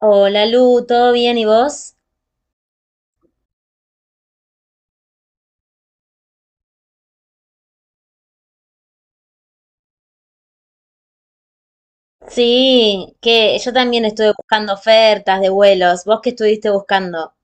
Hola Lu, ¿todo bien y vos? Sí, que yo también estuve buscando ofertas de vuelos. ¿Vos qué estuviste buscando?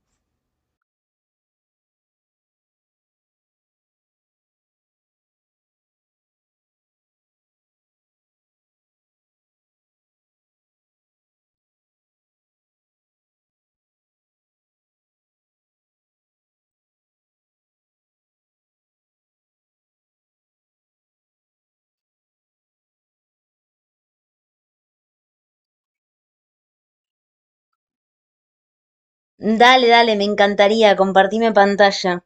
Dale, dale, me encantaría, compartime pantalla.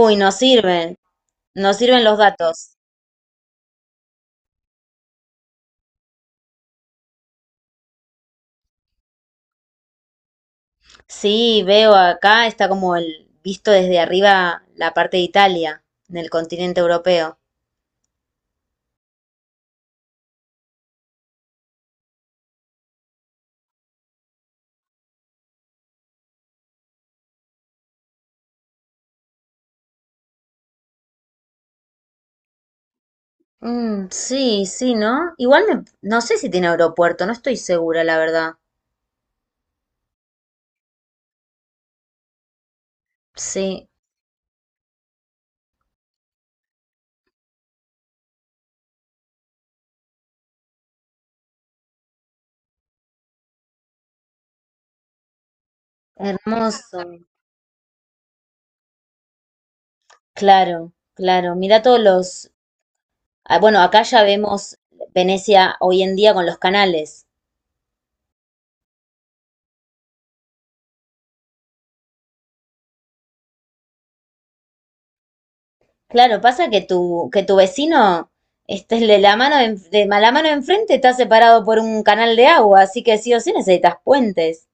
Uy, nos sirven los datos. Sí, veo acá está como el visto desde arriba la parte de Italia, en el continente europeo. Mm, sí, sí, ¿no? Igual no sé si tiene aeropuerto, no estoy segura, la verdad. Sí, hermoso. Claro, claro. Mira. Todos los Ah, bueno, acá ya vemos Venecia hoy en día con los canales. Claro, pasa que tu vecino, este, el de la mano de enfrente está separado por un canal de agua, así que sí o sí necesitas puentes.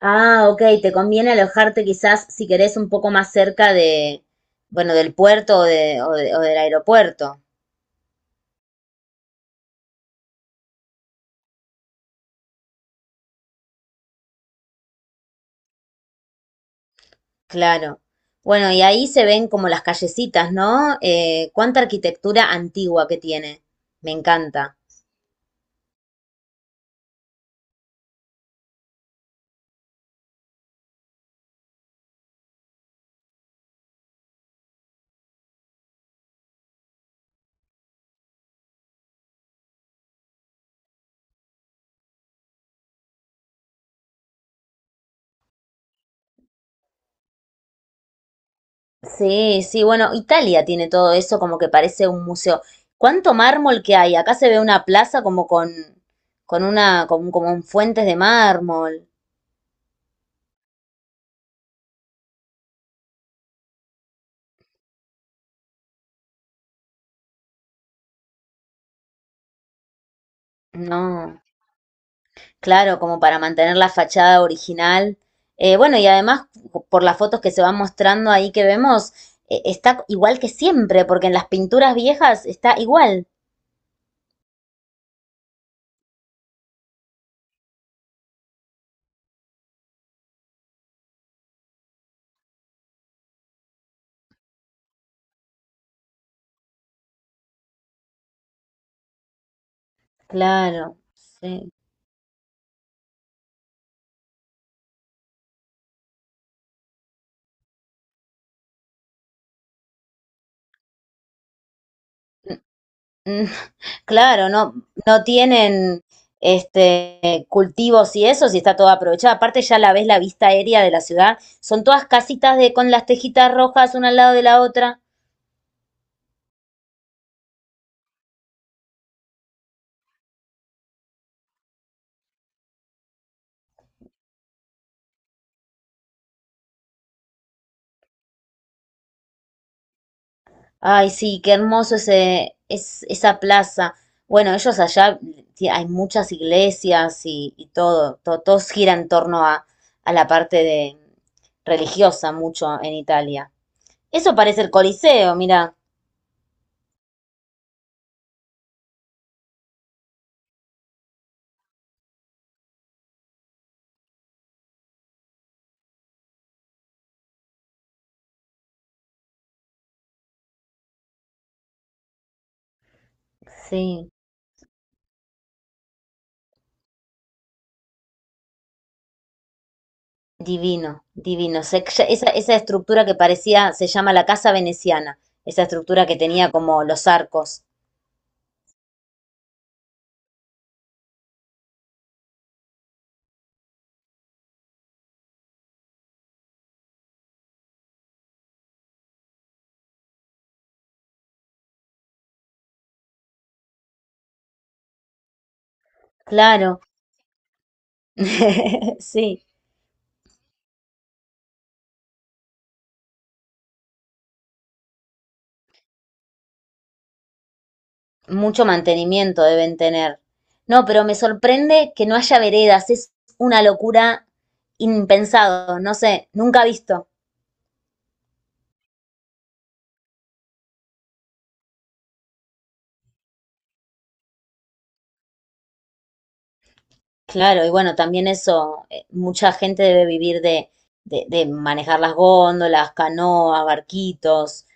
Ah, ok, te conviene alojarte quizás si querés un poco más cerca de, bueno, del puerto o, o del aeropuerto. Claro. Bueno, y ahí se ven como las callecitas, ¿no? Cuánta arquitectura antigua que tiene. Me encanta. Sí, sí, bueno, Italia tiene todo eso como que parece un museo. ¿Cuánto mármol que hay? Acá se ve una plaza como con una, como en fuentes de mármol. No, claro, como para mantener la fachada original. Bueno, y además, por las fotos que se van mostrando ahí que vemos, está igual que siempre, porque en las pinturas viejas está igual. Claro, sí. Mm, claro, no, no tienen este cultivos y eso, si está todo aprovechado. Aparte ya la ves la vista aérea de la ciudad. Son todas casitas de con las tejitas rojas una al lado de la otra. Ay, sí, qué hermoso esa plaza. Bueno, ellos allá sí, hay muchas iglesias y todos gira en torno a la parte de religiosa mucho en Italia. Eso parece el Coliseo, mira. Sí. Divino, divino. Esa estructura que parecía, se llama la casa veneciana, esa estructura que tenía como los arcos. Claro, sí, mucho mantenimiento deben tener. No, pero me sorprende que no haya veredas, es una locura impensado, no sé, nunca visto. Claro, y bueno, también eso, mucha gente debe vivir de manejar las góndolas, canoas, barquitos.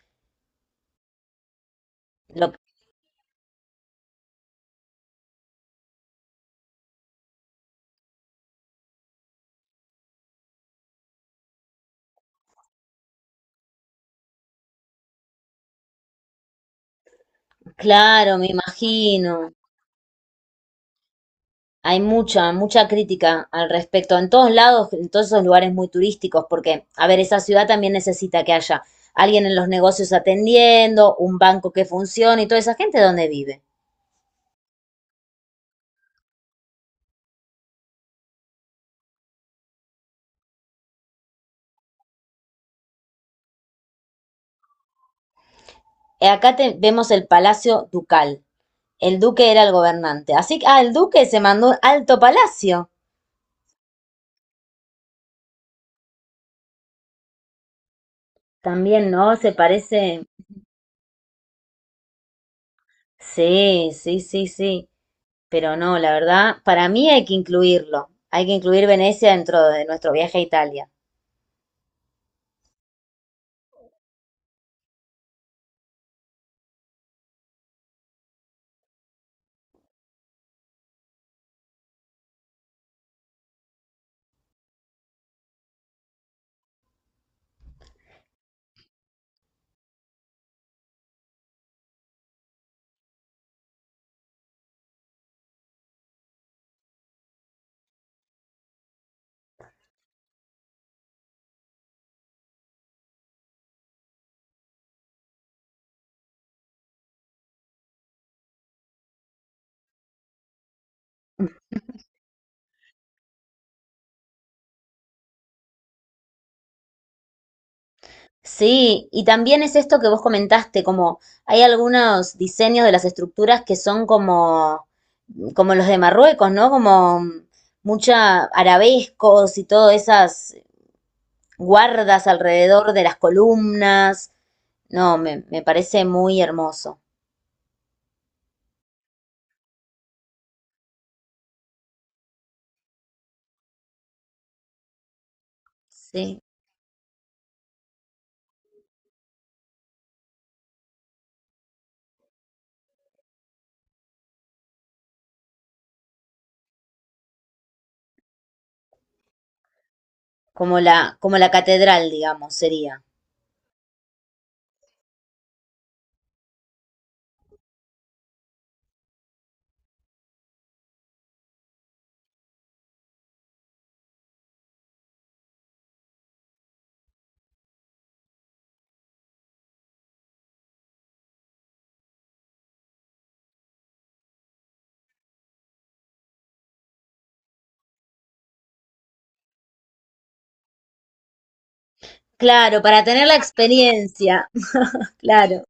Lo, claro, me imagino. Hay mucha, mucha crítica al respecto en todos lados, en todos esos lugares muy turísticos, porque, a ver, esa ciudad también necesita que haya alguien en los negocios atendiendo, un banco que funcione y toda esa gente donde vive. Acá vemos el Palacio Ducal. El duque era el gobernante. Así que, ah, el duque se mandó un alto palacio. También, ¿no? Se parece. Sí, sí, sí, sí. Pero no, la verdad, para mí hay que incluirlo. Hay que incluir Venecia dentro de nuestro viaje a Italia. Sí, y también es esto que vos comentaste, como hay algunos diseños de las estructuras que son como los de Marruecos, ¿no? Como mucha arabescos y todas esas guardas alrededor de las columnas. No, me parece muy hermoso. Sí, como la catedral, digamos, sería. Claro, para tener la experiencia, claro.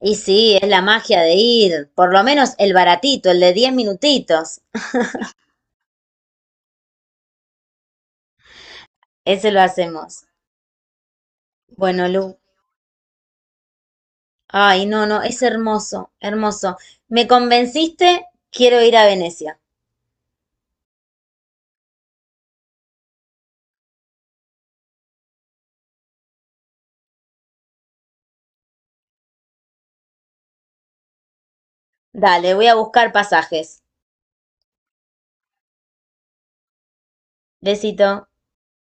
Y sí, es la magia de ir, por lo menos el baratito, el de 10 minutitos. Ese lo hacemos. Bueno, Lu. Ay, no, no, es hermoso, hermoso. Me convenciste, quiero ir a Venecia. Dale, voy a buscar pasajes. Besito.